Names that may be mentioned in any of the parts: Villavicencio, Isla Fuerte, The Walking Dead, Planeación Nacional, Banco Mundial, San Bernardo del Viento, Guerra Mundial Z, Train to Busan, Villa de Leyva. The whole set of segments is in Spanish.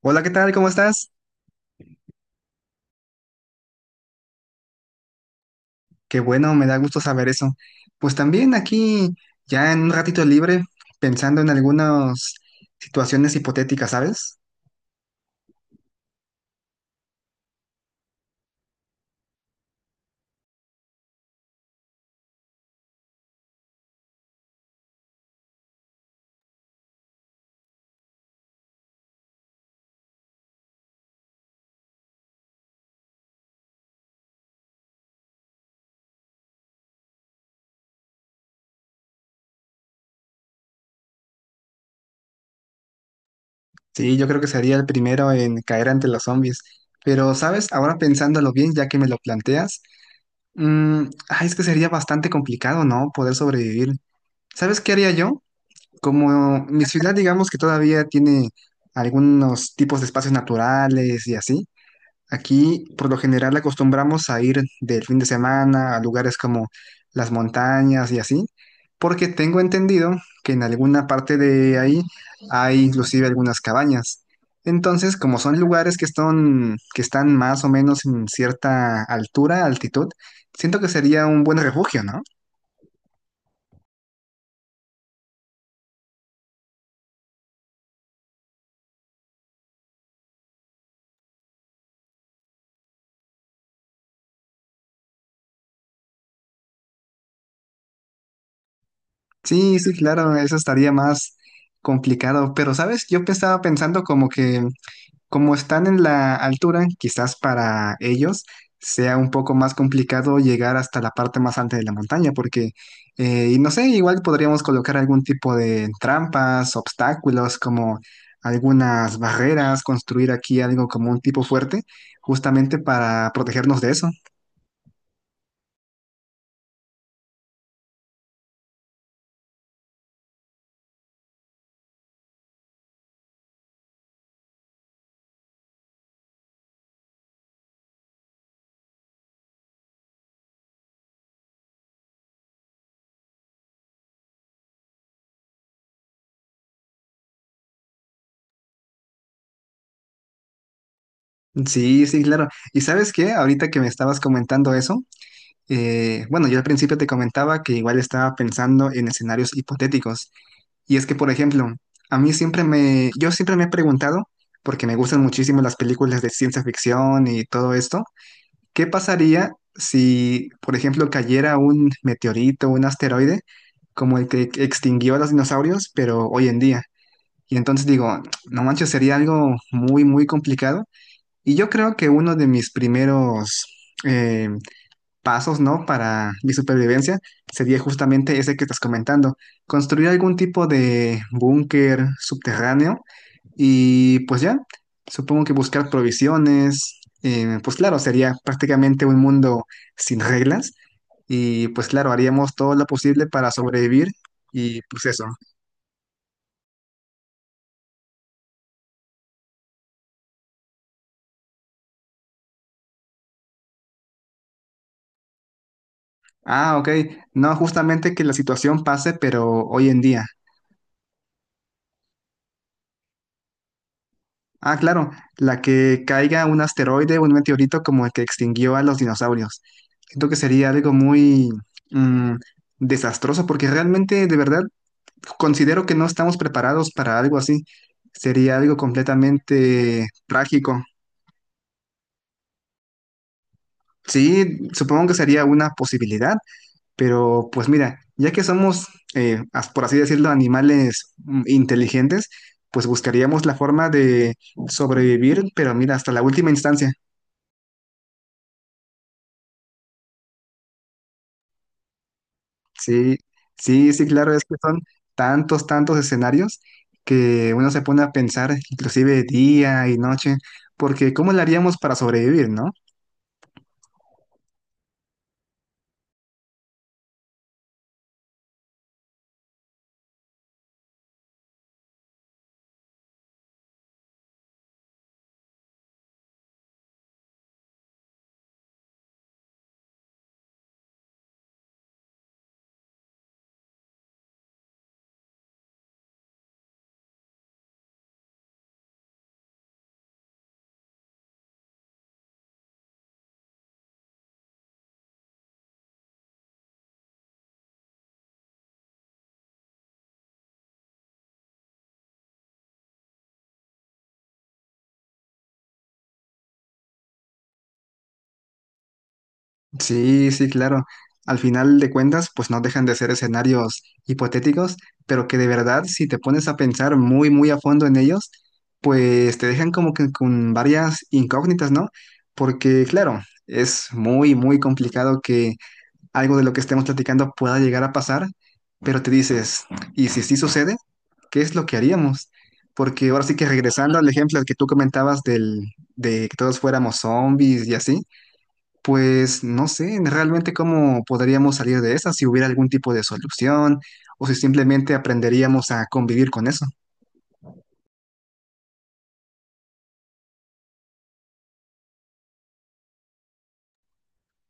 Hola, ¿qué tal? ¿Cómo estás? Qué bueno, me da gusto saber eso. Pues también aquí, ya en un ratito libre, pensando en algunas situaciones hipotéticas, ¿sabes? Sí, yo creo que sería el primero en caer ante los zombies. Pero, ¿sabes? Ahora pensándolo bien, ya que me lo planteas, ay, es que sería bastante complicado, ¿no? Poder sobrevivir. ¿Sabes qué haría yo? Como mi ciudad, digamos que todavía tiene algunos tipos de espacios naturales y así. Aquí por lo general acostumbramos a ir del fin de semana a lugares como las montañas y así, porque tengo entendido que en alguna parte de ahí hay inclusive algunas cabañas. Entonces, como son lugares que están más o menos en cierta altura, altitud, siento que sería un buen refugio, ¿no? Sí, sí, claro, eso estaría más complicado, pero sabes, estaba pensando como que como están en la altura, quizás para ellos sea un poco más complicado llegar hasta la parte más alta de la montaña, porque, y no sé, igual podríamos colocar algún tipo de trampas, obstáculos, como algunas barreras, construir aquí algo como un tipo fuerte, justamente para protegernos de eso. Sí, sí, claro. ¿Y sabes qué? Ahorita que me estabas comentando eso. Bueno, yo al principio te comentaba que igual estaba pensando en escenarios hipotéticos. Y es que, por ejemplo, a mí siempre me, yo siempre me he preguntado, porque me gustan muchísimo las películas de ciencia ficción y todo esto, ¿qué pasaría si, por ejemplo, cayera un meteorito, un asteroide, como el que extinguió a los dinosaurios, pero hoy en día? Y entonces digo, no manches, sería algo muy, muy complicado. Y yo creo que uno de mis primeros eh, pasos, ¿no? Para mi supervivencia sería justamente ese que estás comentando, construir algún tipo de búnker subterráneo y pues ya, supongo que buscar provisiones, pues claro, sería prácticamente un mundo sin reglas y pues claro, haríamos todo lo posible para sobrevivir y pues eso. Ah, ok, no justamente que la situación pase, pero hoy en día. Ah, claro, la que caiga un asteroide o un meteorito como el que extinguió a los dinosaurios. Siento que sería algo muy mm, desastroso porque realmente, de verdad, considero que no estamos preparados para algo así. Sería algo completamente trágico. Sí, supongo que sería una posibilidad, pero pues mira, ya que somos, por así decirlo, animales inteligentes, pues buscaríamos la forma de sobrevivir, pero mira, hasta la última instancia. Sí, sí, sí, claro, es que son tantos, tantos escenarios que uno se pone a pensar inclusive día y noche, porque ¿cómo lo haríamos para sobrevivir, no? Sí, sí, claro. Al final de cuentas, pues no dejan de ser escenarios hipotéticos, pero que de verdad, si te pones a pensar muy, muy a fondo en ellos, pues te dejan como que con varias incógnitas, ¿no? Porque, claro, es muy, muy complicado algo de lo que estemos platicando pueda llegar a pasar, pero te dices, ¿y si sí sucede? ¿Qué es lo que haríamos? Porque ahora sí que regresando al ejemplo que tú comentabas de que todos fuéramos zombies y así, pues no sé realmente cómo podríamos salir de esa, si hubiera algún tipo de solución o si simplemente aprenderíamos a convivir con eso.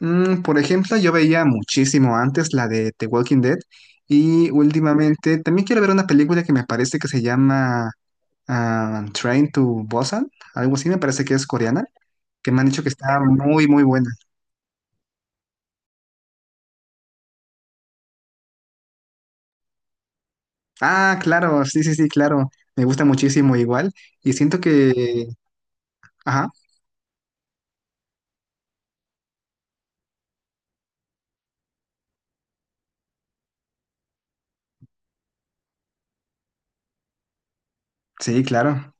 Por ejemplo, yo veía muchísimo antes la de The Walking Dead y últimamente también quiero ver una película que me parece que se llama Train to Busan, algo así me parece que es coreana, que me han dicho que está muy, muy buena. Ah, claro, sí, sí, sí, claro, me gusta muchísimo igual y siento que... Ajá, sí, claro.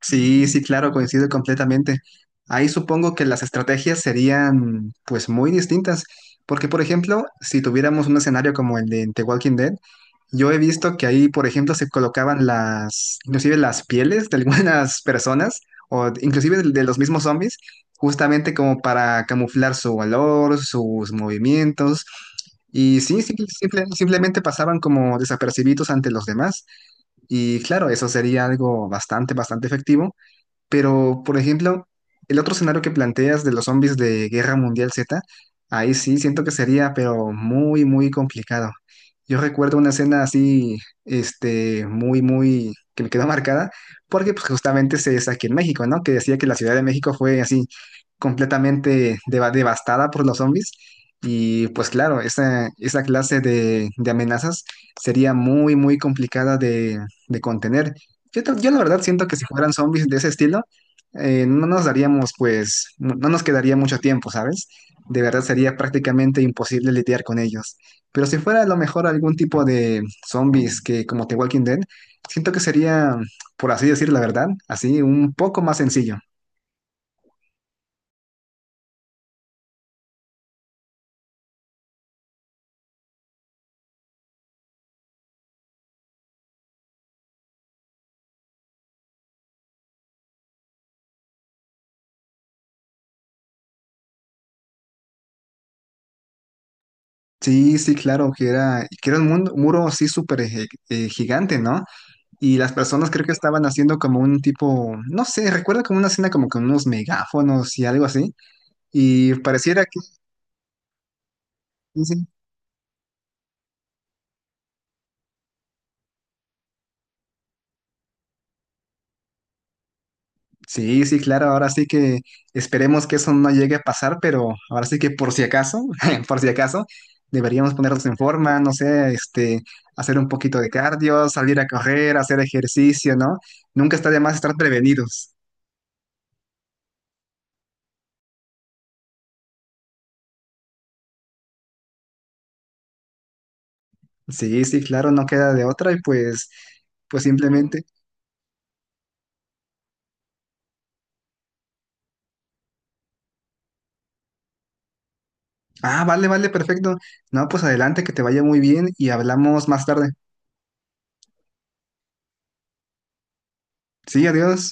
Sí, sí, claro, coincido completamente. Ahí supongo que las estrategias serían pues muy distintas, porque por ejemplo, si tuviéramos un escenario como el de The Walking Dead, yo he visto que ahí, por ejemplo, se colocaban las, inclusive las pieles de algunas personas, o inclusive de los mismos zombies, justamente como para camuflar su valor, sus movimientos. Y sí, simplemente pasaban como desapercibidos ante los demás. Y claro, eso sería algo bastante, bastante efectivo. Pero, por ejemplo, el otro escenario que planteas de los zombies de Guerra Mundial Z, ahí sí siento que sería, pero muy, muy complicado. Yo recuerdo una escena así, este, muy, muy, que me quedó marcada, porque pues justamente se es aquí en México, ¿no? Que decía que la Ciudad de México fue así completamente devastada por los zombies. Y pues claro, esa clase de amenazas sería muy, muy complicada de contener. Yo la verdad siento que si fueran zombies de ese estilo, no nos daríamos, pues, no nos quedaría mucho tiempo, ¿sabes? De verdad sería prácticamente imposible lidiar con ellos. Pero si fuera a lo mejor algún tipo de zombies que como The Walking Dead, siento que sería, por así decir la verdad, así un poco más sencillo. Sí, sí, claro, que era un muro así súper gigante, ¿no? Y las personas creo que estaban haciendo como un tipo, no sé, recuerdo como una escena como con unos megáfonos y algo así. Y pareciera que dicen, sí, sí, sí, claro, ahora sí que esperemos que eso no llegue a pasar, pero ahora sí que por si acaso, por si acaso, deberíamos ponernos en forma, no sé, este, hacer un poquito de cardio, salir a correr, hacer ejercicio, ¿no? Nunca está de más estar prevenidos. Sí, sí, claro, no queda de otra y pues, pues simplemente, ah, vale, vale, perfecto. No, pues adelante, que te vaya muy bien y hablamos más tarde. Sí, adiós.